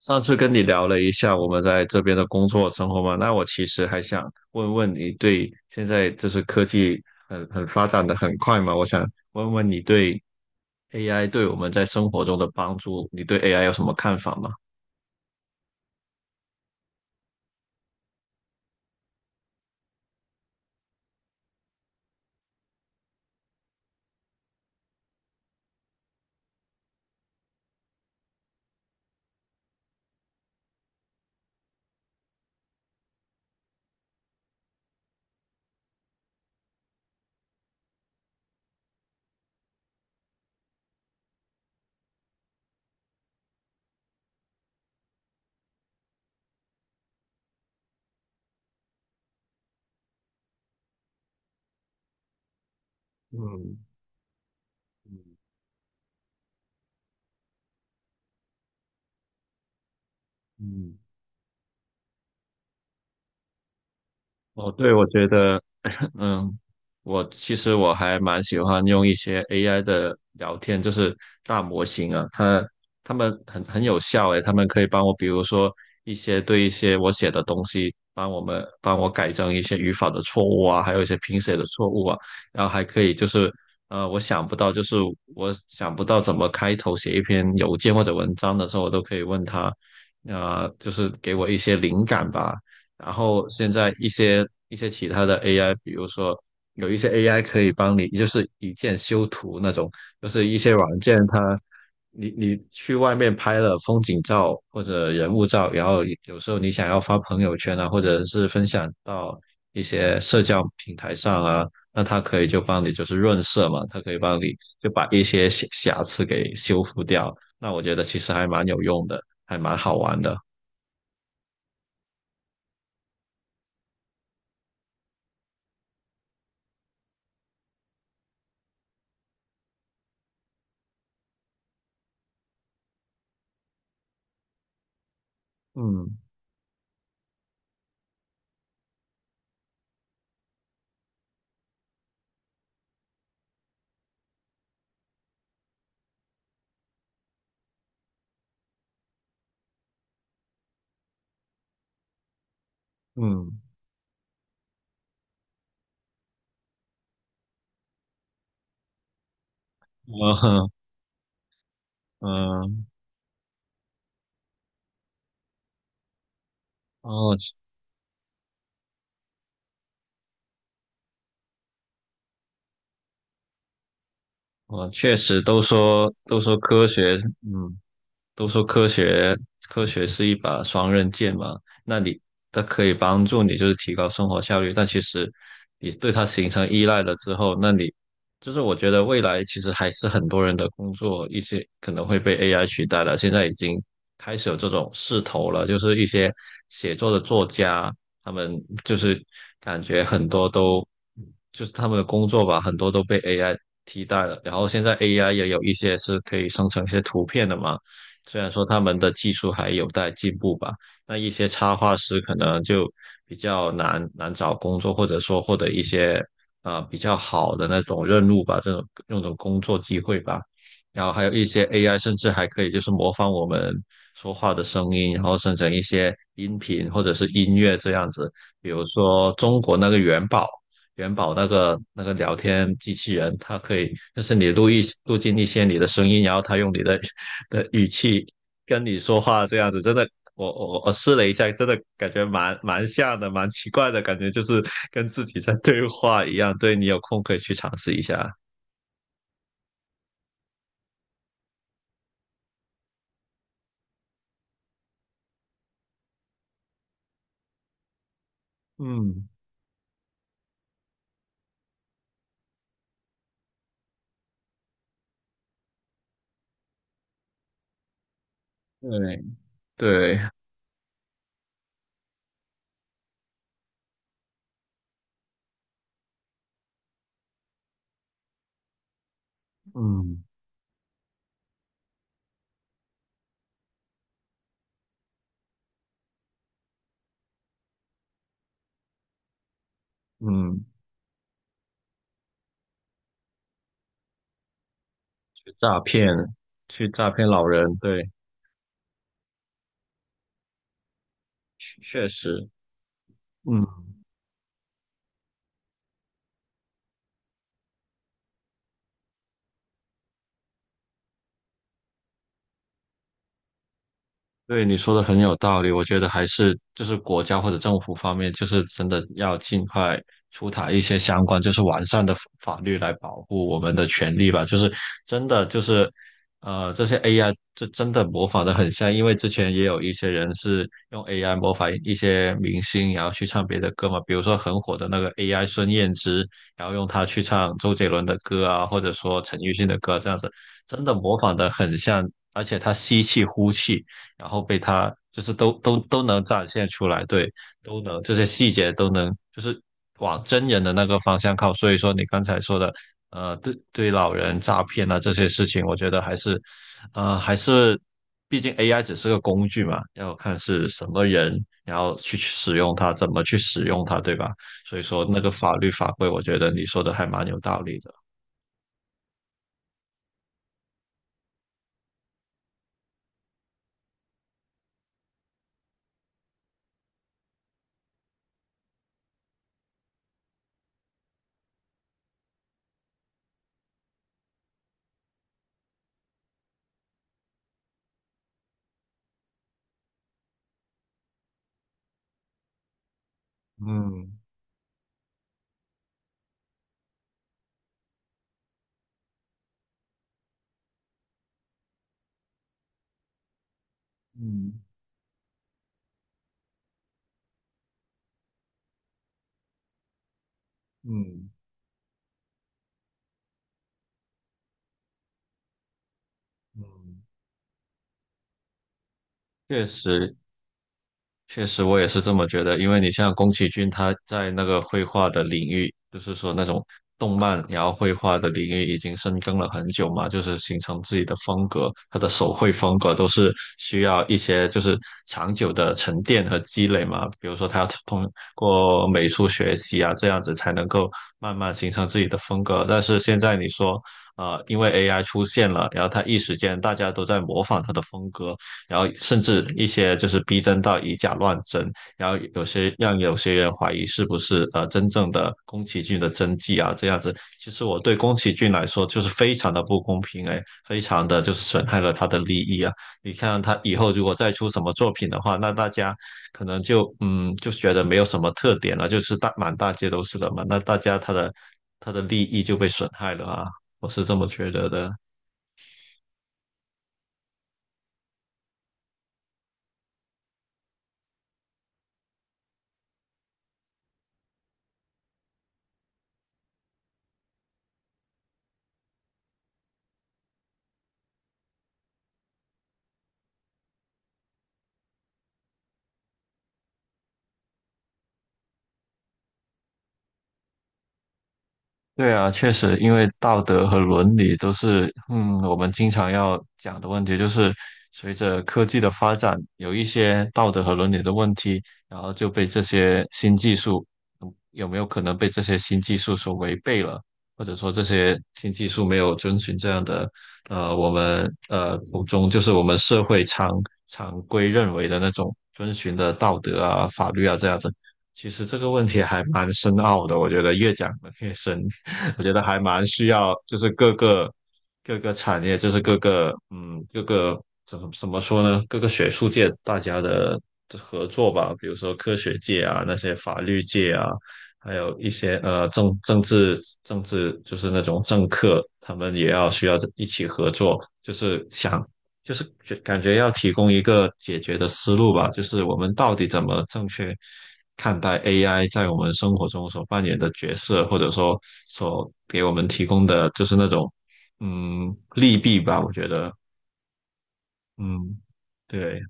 上次跟你聊了一下我们在这边的工作生活嘛，那我其实还想问问你对现在就是科技很发展的很快嘛。我想问问你对 AI 对我们在生活中的帮助，你对 AI 有什么看法吗？嗯嗯嗯。哦，对，我觉得，嗯，我其实还蛮喜欢用一些 AI 的聊天，就是大模型啊，它们很有效诶。它们可以帮我，比如说一些我写的东西，帮我改正一些语法的错误啊，还有一些拼写的错误啊。然后还可以就是呃，我想不到就是我想不到怎么开头写一篇邮件或者文章的时候，我都可以问他，啊、就是给我一些灵感吧。然后现在一些其他的 AI，比如说有一些 AI 可以帮你，就是一键修图那种，就是一些软件它，你去外面拍了风景照或者人物照，然后有时候你想要发朋友圈啊，或者是分享到一些社交平台上啊，那它可以就帮你就是润色嘛，它可以帮你就把一些瑕疵给修复掉。那我觉得其实还蛮有用的，还蛮好玩的。嗯嗯。嗯。哦，我确实都说科学，嗯，都说科学是一把双刃剑嘛。那你它可以帮助你就是提高生活效率，但其实你对它形成依赖了之后，就是我觉得未来其实还是很多人的工作一些可能会被 AI 取代了，现在已经开始有这种势头了。就是一些写作的作家，他们就是感觉很多都就是他们的工作吧，很多都被 AI 替代了。然后现在 AI 也有一些是可以生成一些图片的嘛，虽然说他们的技术还有待进步吧，那一些插画师可能就比较难找工作，或者说获得一些啊比较好的那种任务吧，这种那种工作机会吧。然后还有一些 AI，甚至还可以就是模仿我们说话的声音，然后生成一些音频或者是音乐这样子。比如说中国那个元宝，元宝那个聊天机器人，它可以就是你录一录进一些你的声音，然后它用你的语气跟你说话这样子。真的，我试了一下，真的感觉蛮像的，蛮奇怪的感觉，就是跟自己在对话一样。对，你有空可以去尝试一下。嗯，对对。嗯嗯，去诈骗，去诈骗老人，对。确实，嗯。对，你说的很有道理，我觉得还是就是国家或者政府方面，就是真的要尽快出台一些相关就是完善的法律来保护我们的权利吧。就是真的就是这些 AI 就真的模仿的很像，因为之前也有一些人是用 AI 模仿一些明星，然后去唱别的歌嘛，比如说很火的那个 AI 孙燕姿，然后用它去唱周杰伦的歌啊，或者说陈奕迅的歌，这样子真的模仿的很像。而且它吸气呼气，然后被他就是都能展现出来。对，都能这些细节都能就是往真人的那个方向靠。所以说你刚才说的，呃，对对老人诈骗啊这些事情，我觉得还是，呃，还是毕竟 AI 只是个工具嘛，要看是什么人，然后去使用它，怎么去使用它，对吧？所以说那个法律法规，我觉得你说的还蛮有道理的。嗯嗯嗯嗯。确实，确实，我也是这么觉得。因为你像宫崎骏，他在那个绘画的领域，就是说那种动漫然后绘画的领域已经深耕了很久嘛，就是形成自己的风格。他的手绘风格都是需要一些就是长久的沉淀和积累嘛。比如说，他要通过美术学习啊，这样子才能够慢慢形成自己的风格。但是现在你说，因为 AI 出现了，然后他一时间大家都在模仿他的风格，然后甚至一些就是逼真到以假乱真，然后有些让有些人怀疑是不是真正的宫崎骏的真迹啊这样子。其实我对宫崎骏来说就是非常的不公平哎，非常的就是损害了他的利益啊。你看他以后如果再出什么作品的话，那大家可能就嗯就觉得没有什么特点了，就是大满大街都是了嘛，那大家他的利益就被损害了啊。我是这么觉得的。对啊，确实，因为道德和伦理都是，嗯，我们经常要讲的问题，就是随着科技的发展，有一些道德和伦理的问题，然后就被这些新技术，嗯有没有可能被这些新技术所违背了，或者说这些新技术没有遵循这样的，我们口中就是我们社会常规认为的那种遵循的道德啊、法律啊这样子。其实这个问题还蛮深奥的，我觉得越讲得越深。我觉得还蛮需要，就是各个产业，就是各个怎么说呢？各个学术界大家的合作吧，比如说科学界啊，那些法律界啊，还有一些政治就是那种政客，他们也要需要一起合作，就是想就是感觉要提供一个解决的思路吧，就是我们到底怎么正确看待 AI 在我们生活中所扮演的角色，或者说所给我们提供的就是那种利弊吧，我觉得嗯对。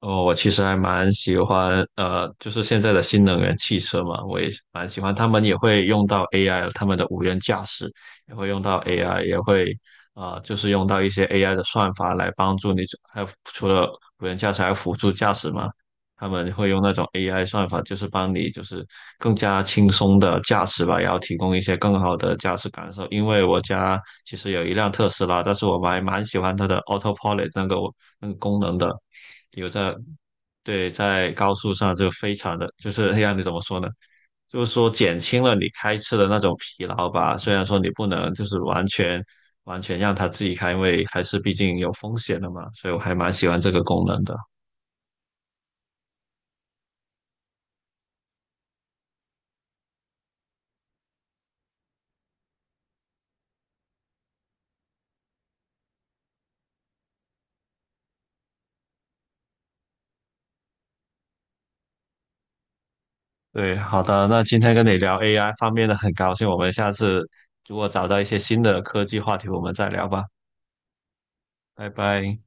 哦，我其实还蛮喜欢，就是现在的新能源汽车嘛，我也蛮喜欢。他们也会用到 AI，他们的无人驾驶也会用到 AI，也会就是用到一些 AI 的算法来帮助你。还有除了无人驾驶，还有辅助驾驶嘛，他们会用那种 AI 算法，就是帮你就是更加轻松的驾驶吧，然后提供一些更好的驾驶感受。因为我家其实有一辆特斯拉，但是我还蛮喜欢它的 Autopilot 那个功能的。有在对，在高速上就非常的就是让你怎么说呢？就是说减轻了你开车的那种疲劳吧。虽然说你不能就是完全让它自己开，因为还是毕竟有风险的嘛。所以我还蛮喜欢这个功能的。对，好的，那今天跟你聊 AI 方面的很高兴，我们下次如果找到一些新的科技话题，我们再聊吧，拜拜。